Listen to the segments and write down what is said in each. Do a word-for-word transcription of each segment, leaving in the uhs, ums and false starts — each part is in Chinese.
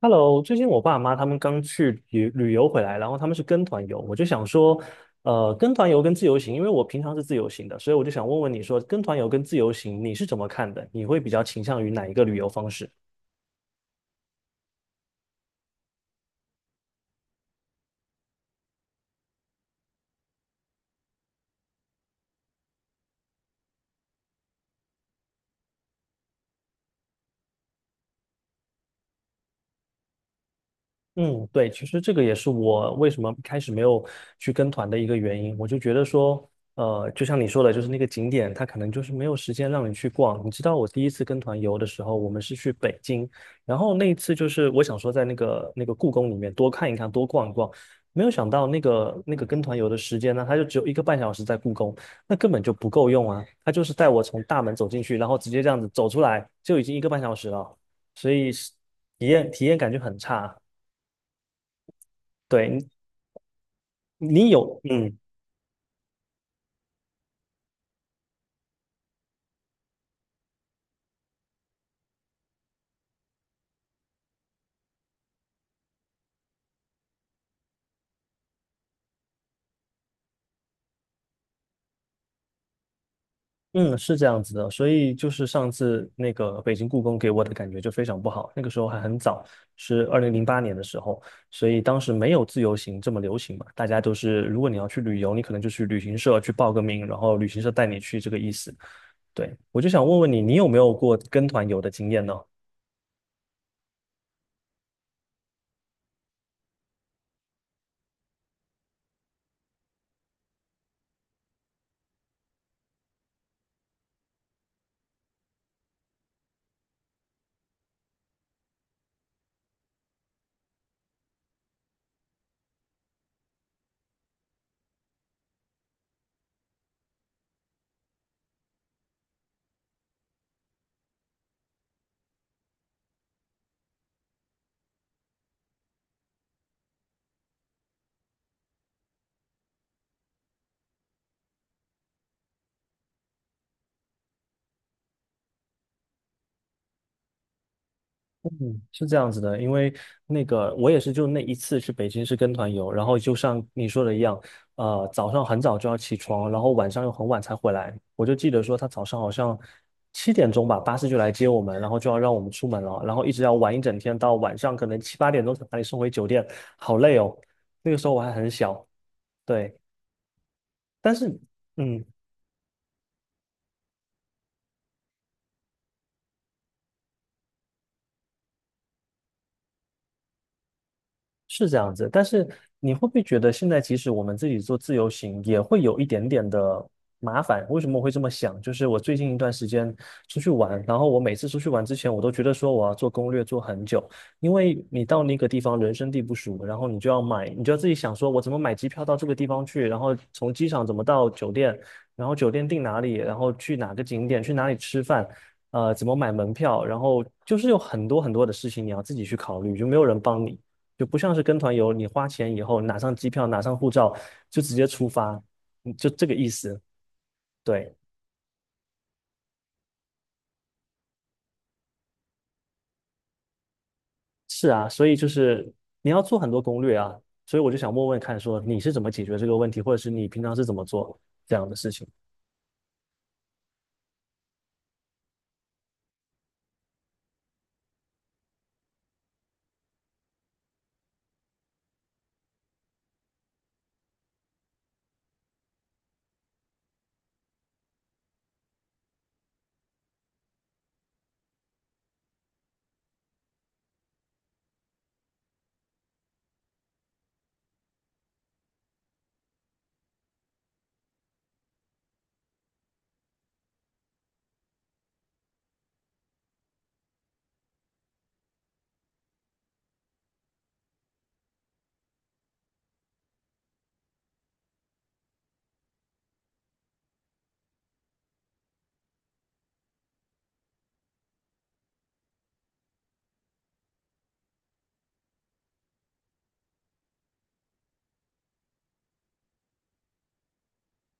Hello，最近我爸妈他们刚去旅旅游回来，然后他们是跟团游，我就想说，呃，跟团游跟自由行，因为我平常是自由行的，所以我就想问问你说，跟团游跟自由行你是怎么看的？你会比较倾向于哪一个旅游方式？嗯，对，其实这个也是我为什么一开始没有去跟团的一个原因。我就觉得说，呃，就像你说的，就是那个景点，它可能就是没有时间让你去逛。你知道，我第一次跟团游的时候，我们是去北京，然后那一次就是我想说在那个那个故宫里面多看一看，多逛一逛，没有想到那个那个跟团游的时间呢，它就只有一个半小时在故宫，那根本就不够用啊。他就是带我从大门走进去，然后直接这样子走出来，就已经一个半小时了，所以是体验体验感就很差。对，你有，嗯嗯，是这样子的，所以就是上次那个北京故宫给我的感觉就非常不好，那个时候还很早，是二零零八年的时候，所以当时没有自由行这么流行嘛，大家都是如果你要去旅游，你可能就去旅行社去报个名，然后旅行社带你去这个意思。对，我就想问问你，你有没有过跟团游的经验呢？嗯，是这样子的，因为那个我也是就那一次去北京是跟团游，然后就像你说的一样，呃，早上很早就要起床，然后晚上又很晚才回来。我就记得说他早上好像七点钟吧，巴士就来接我们，然后就要让我们出门了，然后一直要玩一整天，到晚上可能七八点钟才把你送回酒店，好累哦。那个时候我还很小，对，但是嗯。是这样子，但是你会不会觉得现在即使我们自己做自由行，也会有一点点的麻烦？为什么我会这么想？就是我最近一段时间出去玩，然后我每次出去玩之前，我都觉得说我要做攻略做很久，因为你到那个地方人生地不熟，然后你就要买，你就要自己想说我怎么买机票到这个地方去，然后从机场怎么到酒店，然后酒店订哪里，然后去哪个景点，去哪里吃饭。呃，怎么买门票，然后就是有很多很多的事情你要自己去考虑，就没有人帮你。就不像是跟团游，你花钱以后拿上机票，拿上护照就直接出发，嗯就这个意思。对，是啊，所以就是你要做很多攻略啊，所以我就想问问看，说你是怎么解决这个问题，或者是你平常是怎么做这样的事情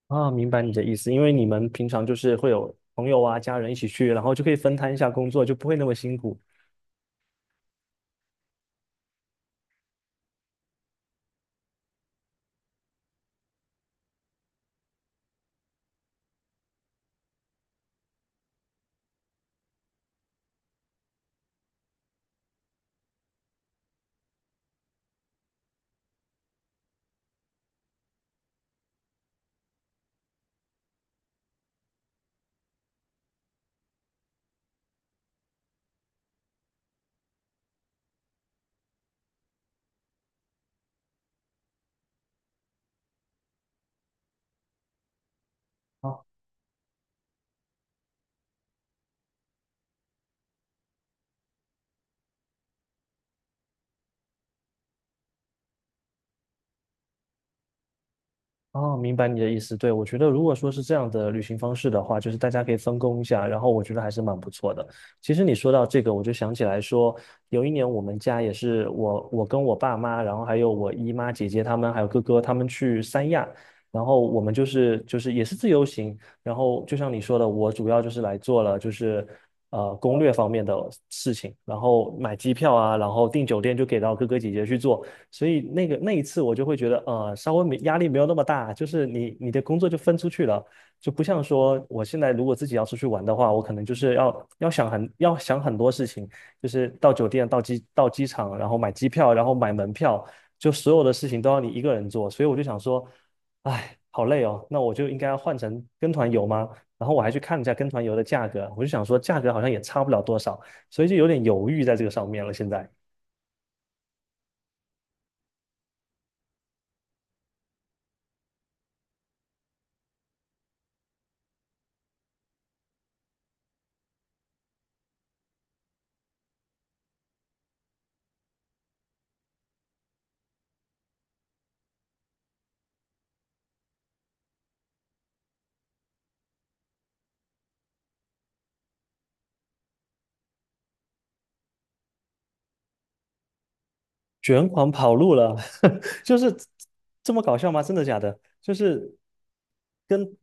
啊？明白你的意思，因为你们平常就是会有朋友啊、家人一起去，然后就可以分摊一下工作，就不会那么辛苦。啊。哦，明白你的意思。对，我觉得如果说是这样的旅行方式的话，就是大家可以分工一下，然后我觉得还是蛮不错的。其实你说到这个，我就想起来说，有一年我们家也是我我跟我爸妈，然后还有我姨妈、姐姐他们，还有哥哥他们去三亚，然后我们就是就是也是自由行，然后就像你说的，我主要就是来做了就是呃攻略方面的事情，然后买机票啊，然后订酒店就给到哥哥姐姐去做。所以那个那一次我就会觉得，呃，稍微没压力没有那么大，就是你你的工作就分出去了，就不像说我现在如果自己要出去玩的话，我可能就是要要想很要想很多事情，就是到酒店、到机到机场，然后买机票，然后买门票，就所有的事情都要你一个人做，所以我就想说，哎，好累哦，那我就应该要换成跟团游吗？然后我还去看了一下跟团游的价格，我就想说价格好像也差不了多少，所以就有点犹豫在这个上面了，现在。卷款跑路了，就是这么搞笑吗？真的假的？就是跟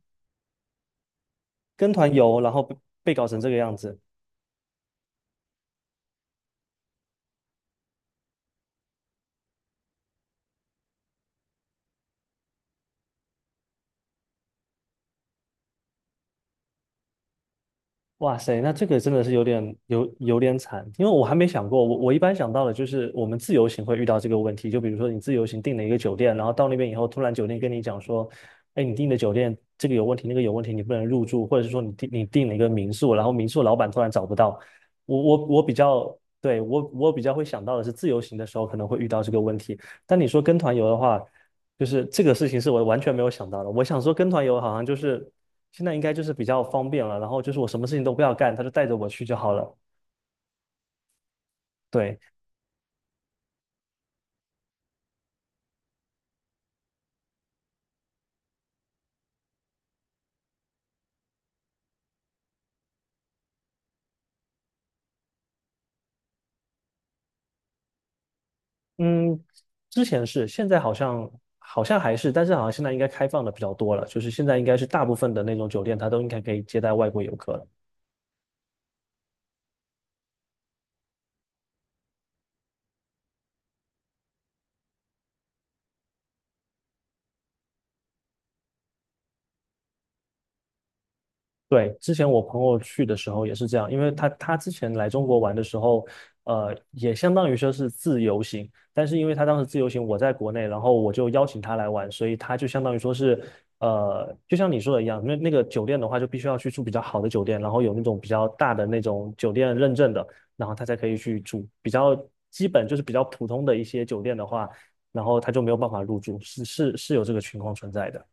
跟团游，然后被被搞成这个样子。哇塞，那这个真的是有点有有点惨，因为我还没想过，我我一般想到的就是我们自由行会遇到这个问题，就比如说你自由行订了一个酒店，然后到那边以后，突然酒店跟你讲说，哎，你订的酒店这个有问题，那个有问题，你不能入住，或者是说你订你订了一个民宿，然后民宿老板突然找不到，我我我比较对我我比较会想到的是自由行的时候可能会遇到这个问题，但你说跟团游的话。就是这个事情是我完全没有想到的。我想说跟团游好像就是现在应该就是比较方便了，然后就是我什么事情都不要干，他就带着我去就好了。对，嗯，之前是，现在好像好像还是，但是好像现在应该开放的比较多了，就是现在应该是大部分的那种酒店它都应该可以接待外国游客了。对，之前我朋友去的时候也是这样，因为他他之前来中国玩的时候，呃，也相当于说是自由行，但是因为他当时自由行我在国内，然后我就邀请他来玩，所以他就相当于说是，呃，就像你说的一样，那那个酒店的话就必须要去住比较好的酒店，然后有那种比较大的那种酒店认证的，然后他才可以去住。比较基本就是比较普通的一些酒店的话，然后他就没有办法入住，是是是有这个情况存在的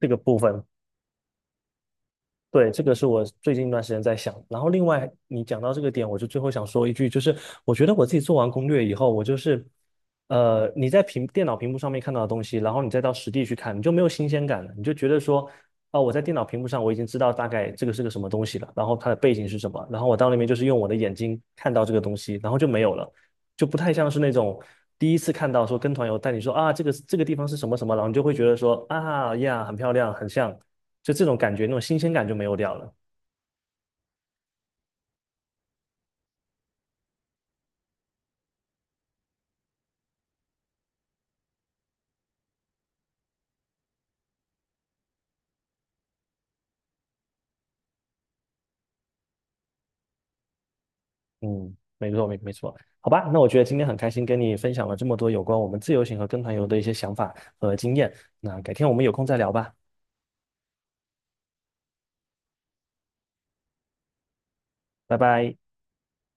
这个部分。对，这个是我最近一段时间在想。然后，另外你讲到这个点，我就最后想说一句，就是我觉得我自己做完攻略以后，我就是，呃，你在屏电脑屏幕上面看到的东西，然后你再到实地去看，你就没有新鲜感了，你就觉得说，啊、我在电脑屏幕上我已经知道大概这个是个什么东西了，然后它的背景是什么，然后我到那边就是用我的眼睛看到这个东西，然后就没有了，就不太像是那种第一次看到说跟团游带你说啊，这个这个地方是什么什么，然后你就会觉得说啊呀，很漂亮，很像。就这种感觉，那种新鲜感就没有掉了。嗯，没错，没没错。好吧，那我觉得今天很开心跟你分享了这么多有关我们自由行和跟团游的一些想法和经验。那改天我们有空再聊吧，拜拜。